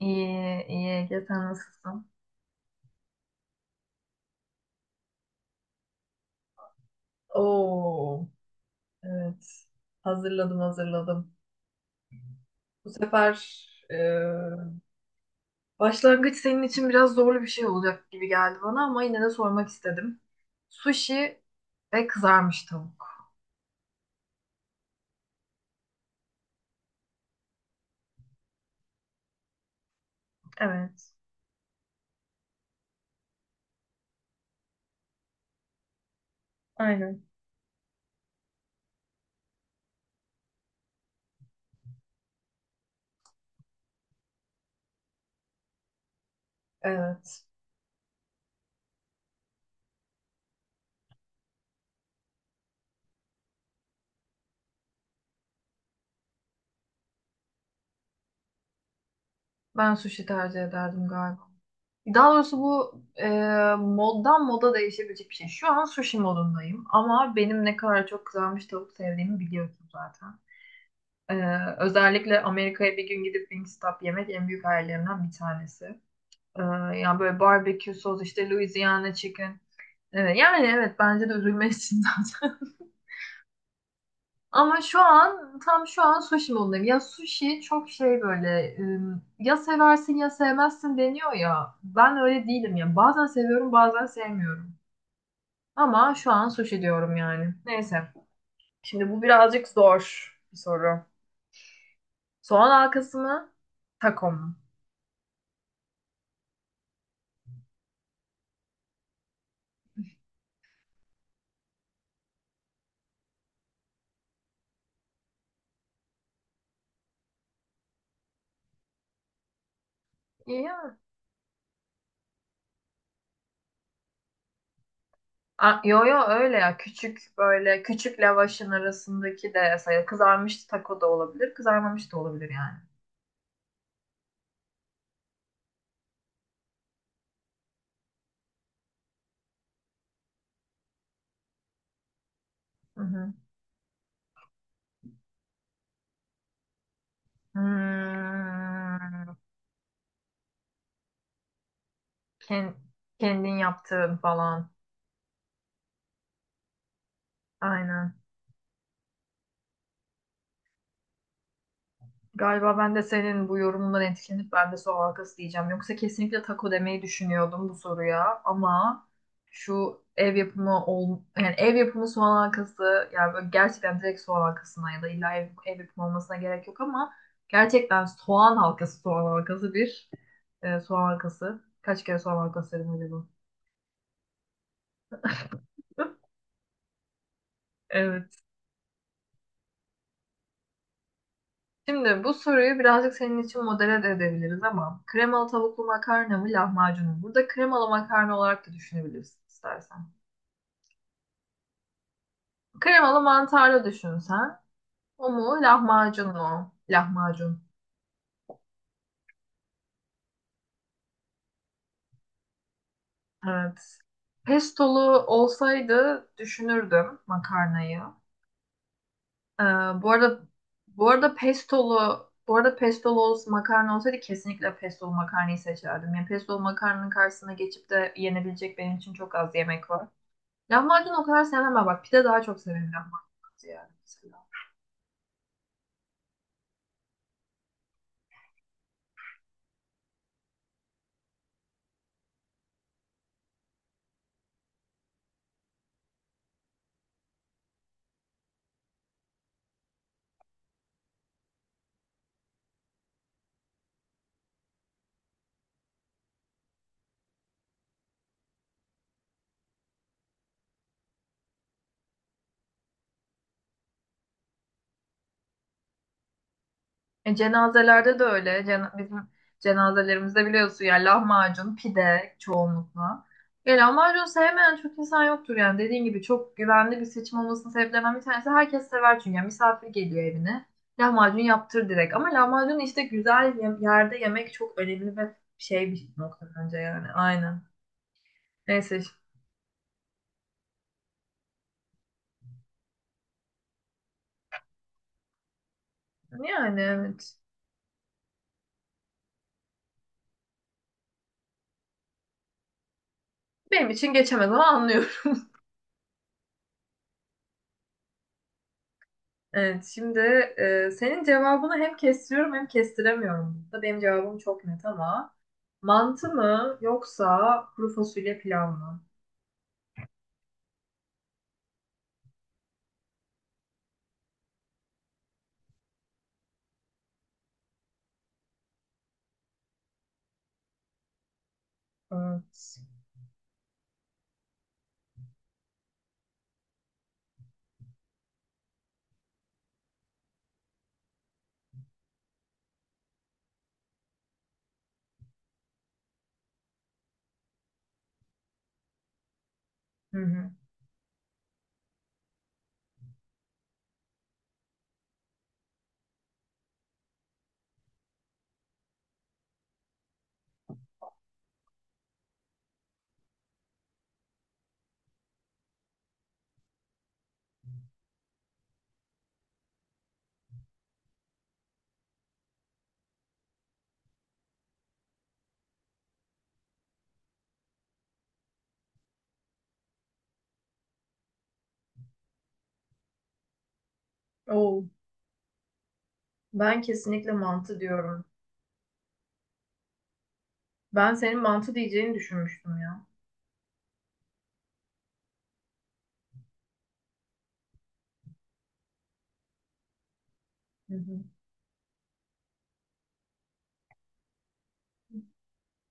İyi, iyi Ege, sen nasılsın? Oo, evet. Hazırladım. Bu sefer e, başlangıç senin için biraz zorlu bir şey olacak gibi geldi bana ama yine de sormak istedim. Sushi ve kızarmış tavuk. Evet, aynen. Evet, ben sushi tercih ederdim galiba. Daha doğrusu bu moddan moda değişebilecek bir şey. Şu an sushi modundayım ama benim ne kadar çok kızarmış tavuk sevdiğimi biliyorsun zaten. Özellikle Amerika'ya bir gün gidip Wingstop yemek en büyük hayallerimden bir tanesi. Ee, yani böyle barbekü sos işte Louisiana chicken. Evet, yani evet bence de üzülmezsin zaten. Ama şu an sushi modundayım. Ya sushi çok şey böyle ya seversin ya sevmezsin deniyor ya. Ben öyle değilim ya. Bazen seviyorum bazen sevmiyorum. Ama şu an sushi diyorum yani. Neyse. Şimdi bu birazcık zor bir soru. Soğan halkası mı? Taco mu? İyi. Yo yo öyle ya, küçük böyle küçük lavaşın arasındaki de sayılır. Kızarmış taco da olabilir, kızarmamış da olabilir yani. Hı hı. Hmm, ken- kendin yaptığın falan. Aynen. Galiba ben de senin bu yorumundan etkilenip ben de soğan halkası diyeceğim. Yoksa kesinlikle taco demeyi düşünüyordum bu soruya ama şu ev yapımı ol yani ev yapımı soğan halkası yani böyle gerçekten direkt soğan halkasına ya da illa ev, ev yapımı olmasına gerek yok ama gerçekten soğan halkası soğan halkası bir soğan halkası. Kaç kere soğan halkası dedim acaba? Evet. Şimdi bu soruyu birazcık senin için modele de edebiliriz ama kremalı tavuklu makarna mı lahmacun mu? Burada kremalı makarna olarak da düşünebilirsin istersen. Kremalı mantarlı düşün sen. O mu lahmacun mu? Lahmacun. Evet. Pestolu olsaydı düşünürdüm makarnayı. Ee, bu arada bu arada pestolu bu arada pestolu olsa, makarna olsaydı kesinlikle pestolu makarnayı seçerdim. Yani pestolu makarnanın karşısına geçip de yenebilecek benim için çok az yemek var. Lahmacun o kadar sevmem ama bak pide daha çok severim lahmacun yani mesela. E, cenazelerde de öyle. Bizim cenazelerimizde biliyorsun yani lahmacun, pide çoğunlukla. E, lahmacun sevmeyen çok insan yoktur yani. Dediğin gibi çok güvenli bir seçim olmasının sebeplerinden bir tanesi herkes sever çünkü. Yani misafir geliyor evine. Lahmacun yaptır direkt. Ama lahmacun işte güzel yerde yemek çok önemli ve şey bir nokta bence yani. Aynen. Neyse. Yani evet. Benim için geçemez ama anlıyorum. Evet, şimdi senin cevabını hem kestiriyorum hem kestiremiyorum. Burada benim cevabım çok net ama mantı mı yoksa kuru fasulye pilav mı? Evet. Hı hı. Oo, ben kesinlikle mantı diyorum. Ben senin mantı diyeceğini düşünmüştüm ya. Hı hı.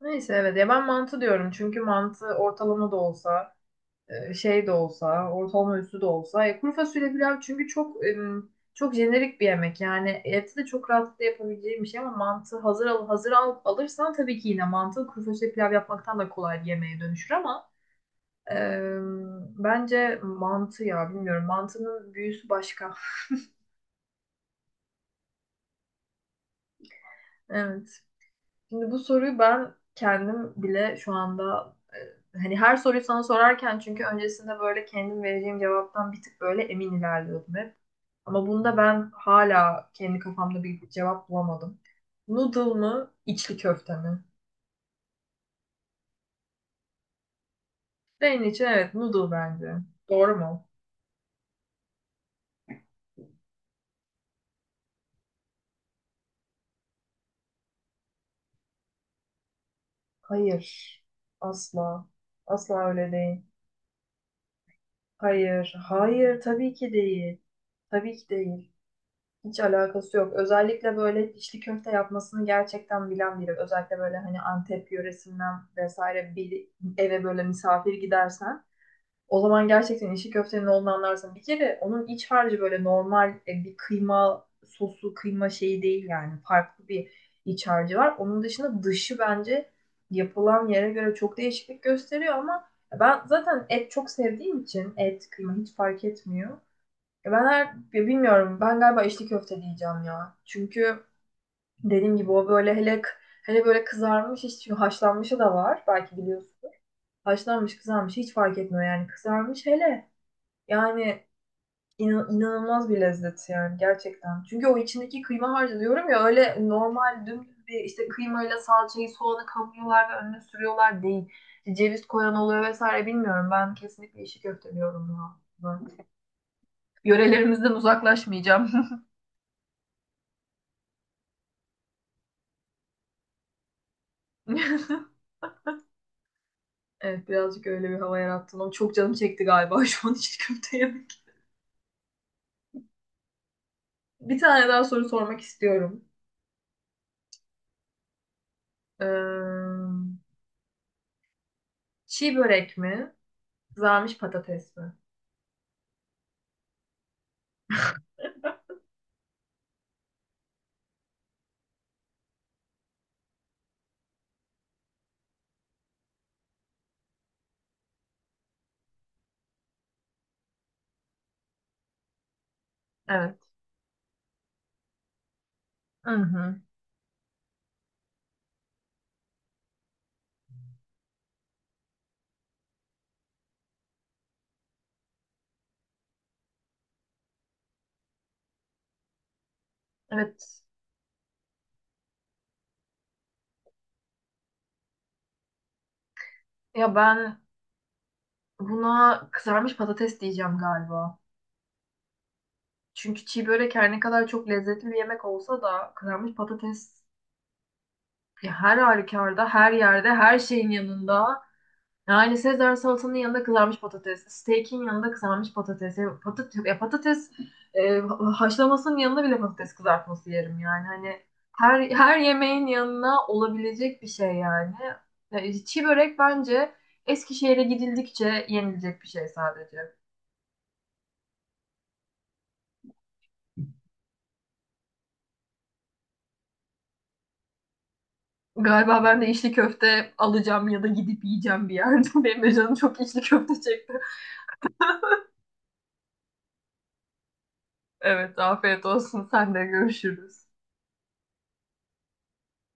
Neyse evet ya ben mantı diyorum çünkü mantı ortalama da olsa şey de olsa, ortalama üstü de olsa. E, kuru fasulye pilav çünkü çok çok jenerik bir yemek. Yani eti de çok rahatlıkla yapabileceğim bir şey ama mantı hazır al, alırsan tabii ki yine mantı kuru fasulye pilav yapmaktan da kolay bir yemeğe dönüşür ama e, bence mantı ya bilmiyorum. Mantının büyüsü başka. Evet. Şimdi bu soruyu ben kendim bile şu anda hani her soruyu sana sorarken çünkü öncesinde böyle kendim vereceğim cevaptan bir tık böyle emin ilerliyordum hep. Ama bunda ben hala kendi kafamda bir cevap bulamadım. Noodle mı, içli köfte mi? Senin için evet noodle bence. Doğru mu? Hayır. Asla. Asla öyle değil. Hayır. Hayır tabii ki değil. Tabii ki değil. Hiç alakası yok. Özellikle böyle içli köfte yapmasını gerçekten bilen biri. Özellikle böyle hani Antep yöresinden vesaire bir eve böyle misafir gidersen o zaman gerçekten işi köftenin olduğunu anlarsın. Bir kere onun iç harcı böyle normal bir kıyma sosu, kıyma şeyi değil yani. Farklı bir iç harcı var. Onun dışında dışı bence yapılan yere göre çok değişiklik gösteriyor ama ben zaten et çok sevdiğim için et, kıyma hiç fark etmiyor. E, Ben her, ya bilmiyorum ben galiba içli köfte diyeceğim ya. Çünkü dediğim gibi o böyle hele böyle kızarmış hiç çünkü haşlanmışı da var belki biliyorsun. Haşlanmış kızarmış hiç fark etmiyor yani kızarmış hele. Yani inanılmaz bir lezzet yani gerçekten. Çünkü o içindeki kıyma harcı diyorum ya öyle normal dümdüz bir işte kıymayla salçayı soğanı kavuruyorlar ve önüne sürüyorlar değil. İşte ceviz koyan oluyor vesaire bilmiyorum. Ben kesinlikle işi köfte diyorum ya. Ben yörelerimizden uzaklaşmayacağım. Evet birazcık öyle bir hava yarattın ama çok canım çekti galiba şu an içli köfte yemek. Bir tane daha soru sormak istiyorum. Ee, çiğ börek mi? Kızarmış patates mi? Evet. Hı hı. Evet. Ya ben buna kızarmış patates diyeceğim galiba. Çünkü çiğ börek her ne kadar çok lezzetli bir yemek olsa da kızarmış patates ya her halükarda, her yerde, her şeyin yanında. Yani Sezar salatanın yanında kızarmış patates, steak'in yanında kızarmış patates, e, haşlamasının yanında bile patates kızartması yerim yani. Hani her yemeğin yanına olabilecek bir şey yani. Ya, çiğ börek bence Eskişehir'e gidildikçe yenilecek bir şey sadece. Galiba ben de içli köfte alacağım ya da gidip yiyeceğim bir yerde. Benim de canım çok içli köfte çekti. Evet, afiyet olsun. Sen de görüşürüz.